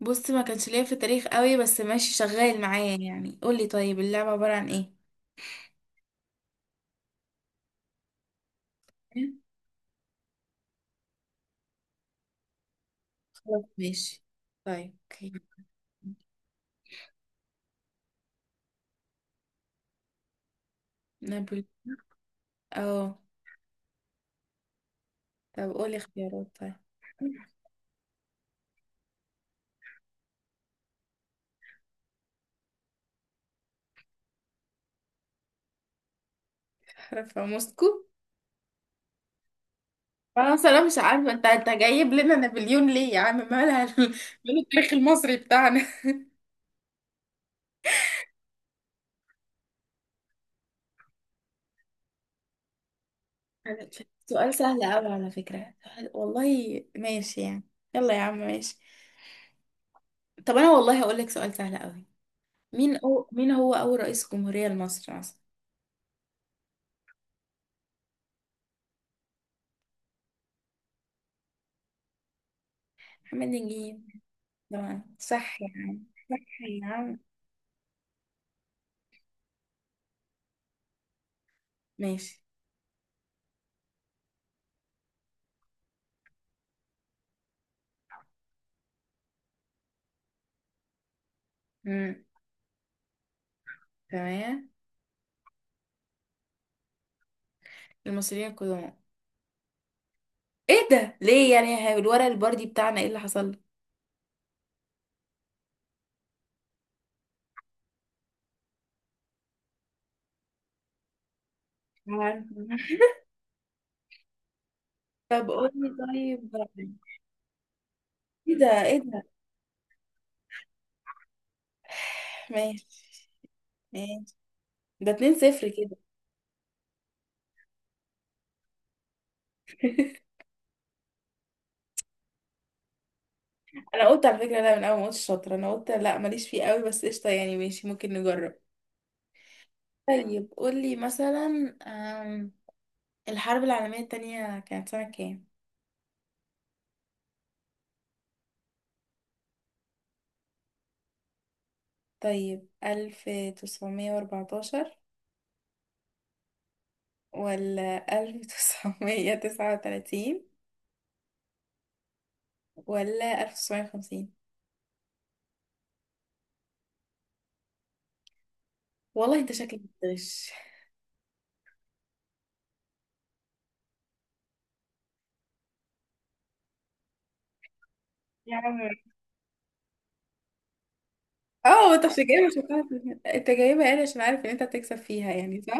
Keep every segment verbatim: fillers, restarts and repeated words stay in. بص، ما كانش ليا في التاريخ قوي، بس ماشي شغال معايا. يعني قولي، طيب اللعبة عبارة عن ايه؟ إيه؟ خلاص ماشي. طيب اوكي. نابل. اه. طب قولي اختيارات طيب. احرفها موسكو. فرنسا؟ لا مش عارفة، انت انت جايب لنا نابليون ليه يا عم؟ مالها؟ مال التاريخ المصري بتاعنا. سؤال سهل قوي على فكرة. سؤال- والله ماشي يعني. يلا يا عم ماشي. طب انا والله هقول لك سؤال سهل قوي. مين أو... مين هو اول رئيس جمهورية لمصر اصلا؟ محمد نجيب. طبعا صح يعني. صح يا عم. ماشي. امم تمام. المصريين القدماء. ايه ده ليه يعني يا هاي؟ الورق البردي بتاعنا ايه اللي حصل لك؟ عارفة. طب قولي. طيب. ايه ده؟ ايه ده؟ ماشي ماشي. ده اتنين صفر كده. انا قلت على فكره، لا من اول ما قلت شاطره انا قلت لا، ماليش فيه قوي، بس قشطه يعني، ماشي ممكن نجرب. طيب قولي مثلا، آم، الحرب العالميه التانية كانت سنه كام؟ طيب ألف تسعمية وأربعة عشر، ولا ألف تسعمية تسعة وتلاتين، ولا ألف تسعمية وخمسين؟ والله انت شكلك بتغش. يا عم اه، انت مش جايبه، مش هتعرف. انت جايبه يعني عشان عارف ان انت هتكسب فيها، يعني صح؟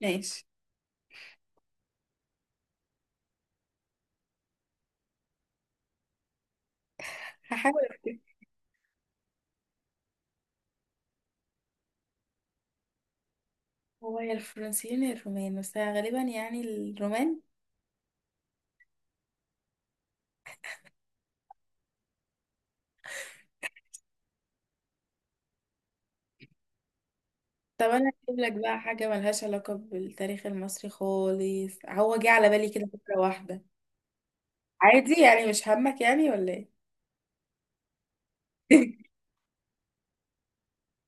ماشي. هحاول افتكر. هو يا الفرنسيين يا الرومان، بس غالبا يعني الرومان. طب انا هجيب لك بقى حاجه ملهاش علاقه بالتاريخ المصري خالص. هو جه على بالي كده فكره واحده. عادي يعني، مش همك يعني ولا ايه؟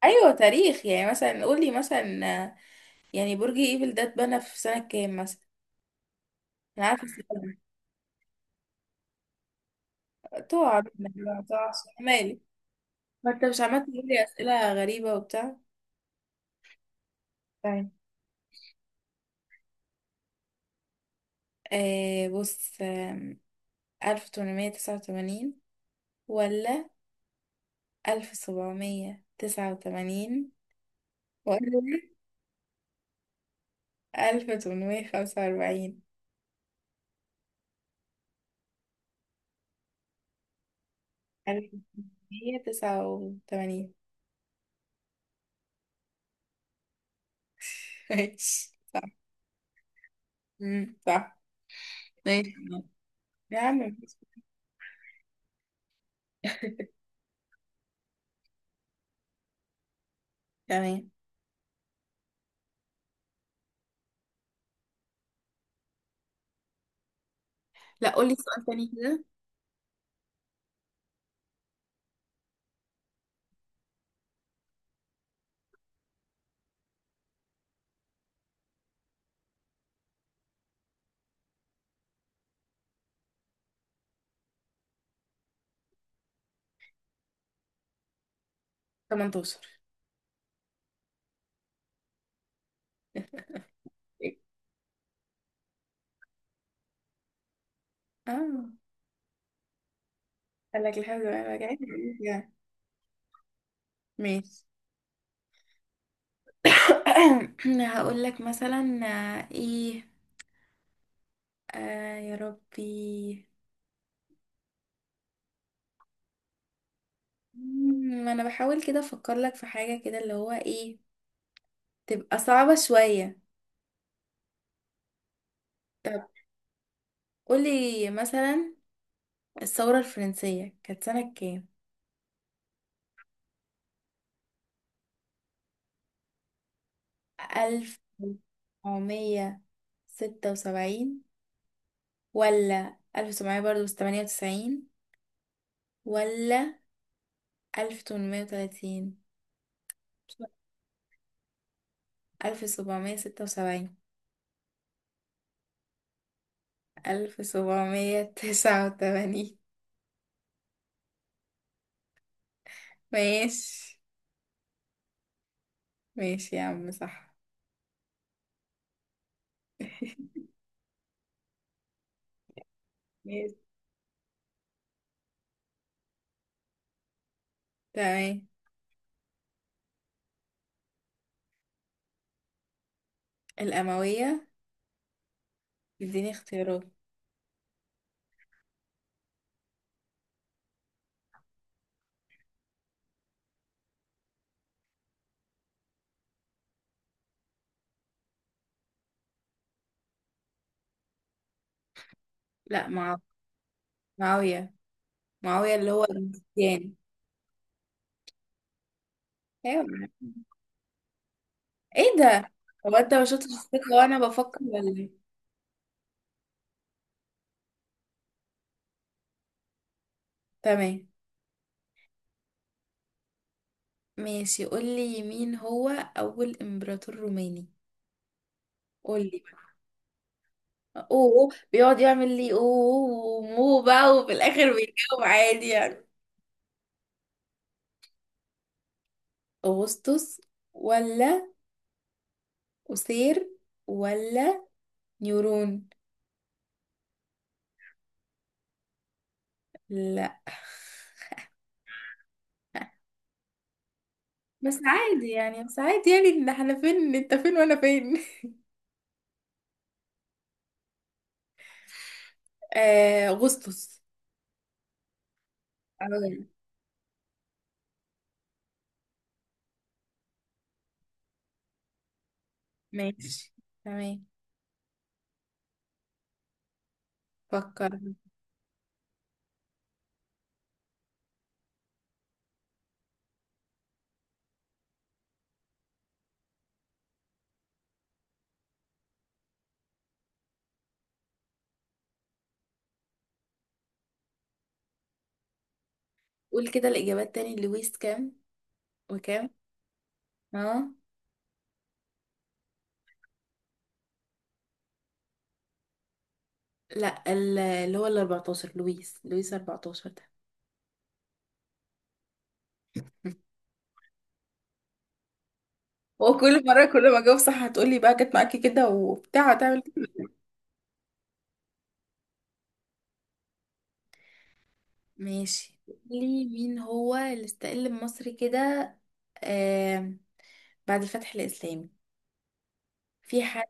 ايوه تاريخ يعني. مثلا قولي مثلا، يعني برج ايفل ده اتبنى في سنة كام مثلا؟ انا عارفة السؤال. ده تقع منك بقى، تقع عشان أنا مالي. ما انت مش عمال تقول لي اسئلة غريبة وبتاع. طيب. آه بص، ألف تمنمية تسعة وتمانين، ولا ألف سبعمية تسعة وتمانين، ولا ألف تمنمية خمسة وأربعين؟ ألف تمنمية تسعة وتمانين. ماشي صح. مم، صح. ماشي يا عم ماشي. تمام. لا قولي سؤال تاني كده. تمنتاشر. اه. قال لك لحد ما رجعت. ماشي. هقول لك مثلا، آه، ايه. آه يا ربي. مم، ما انا بحاول كده افكر لك في حاجة كده، اللي هو ايه. تبقى صعبة شوية. طب قولي مثلا، الثورة الفرنسية كانت سنة كام؟ ألف تسعمية ستة وسبعين، ولا ألف وسبعمية برضه تمانية وتسعين، ولا ألف تمنمية وتلاتين؟ ألف سبعمية ستة وسبعين. ألف سبعمية تسعة وتمانين. ماشي ماشي يا عم صح. ماشي تمام. الأموية. اديني اختيارات. لا مع... معاوية. معاوية اللي هو المسيان. ايوه. ايه ده؟ هو انت ما شفتش الثقة وانا بفكر ولا ايه؟ تمام. ماشي قولي. مين هو أول إمبراطور روماني؟ قولي بقى. اوه أوه، بيقعد يعمل لي اوه أوه، مو بقى، وفي الآخر بيجاوب عادي يعني. أغسطس، ولا قصير، ولا نيورون؟ لا بس عادي يعني، بس عادي يعني ان احنا فين، انت فين وانا فين. آه اغسطس. أوي. ماشي تمام. فكر. قول كده الاجابات تاني، لويس كام وكام؟ اه. لا، ال- اللي هو ال أربعة عشر، لويس، لويس أربعة عشر ده. هو كل مرة كل ما اجاوب صح هتقولي بقى جت معاكي كده وبتاع، هتعمل كده. ماشي قولي. مين هو اللي استقل بمصر كده، آه، بعد الفتح الإسلامي؟ في حد؟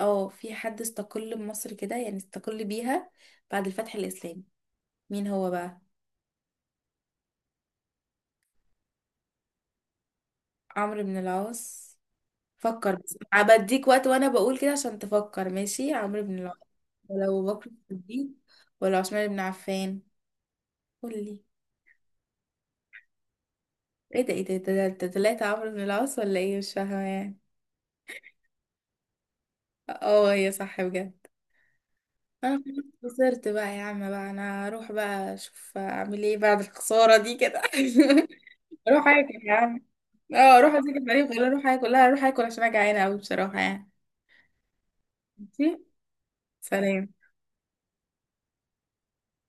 اه في حد استقل بمصر كده يعني، استقل بيها بعد الفتح الإسلامي. مين هو بقى؟ عمرو بن العاص. فكر بس. بديك وقت وانا بقول كده عشان تفكر. ماشي، عمرو بن العاص، ولا ابو بكر الصديق، ولا عثمان بن عفان؟ قولي. ايه ده؟ ايه ده؟ ده ده- ده طلعت عمرو بن العاص ولا ايه؟ مش فاهمه يعني. اه هي صح بجد. انا خلاص خسرت بقى يا عم بقى. انا هروح بقى اشوف اعمل ايه بعد الخساره دي كده. روح اكل يا عم. اه اروح اذاكر في العيد ولا اروح اكل؟ لا اروح اكل عشان انا جعانه قوي بصراحه يعني. ماشي. سلام.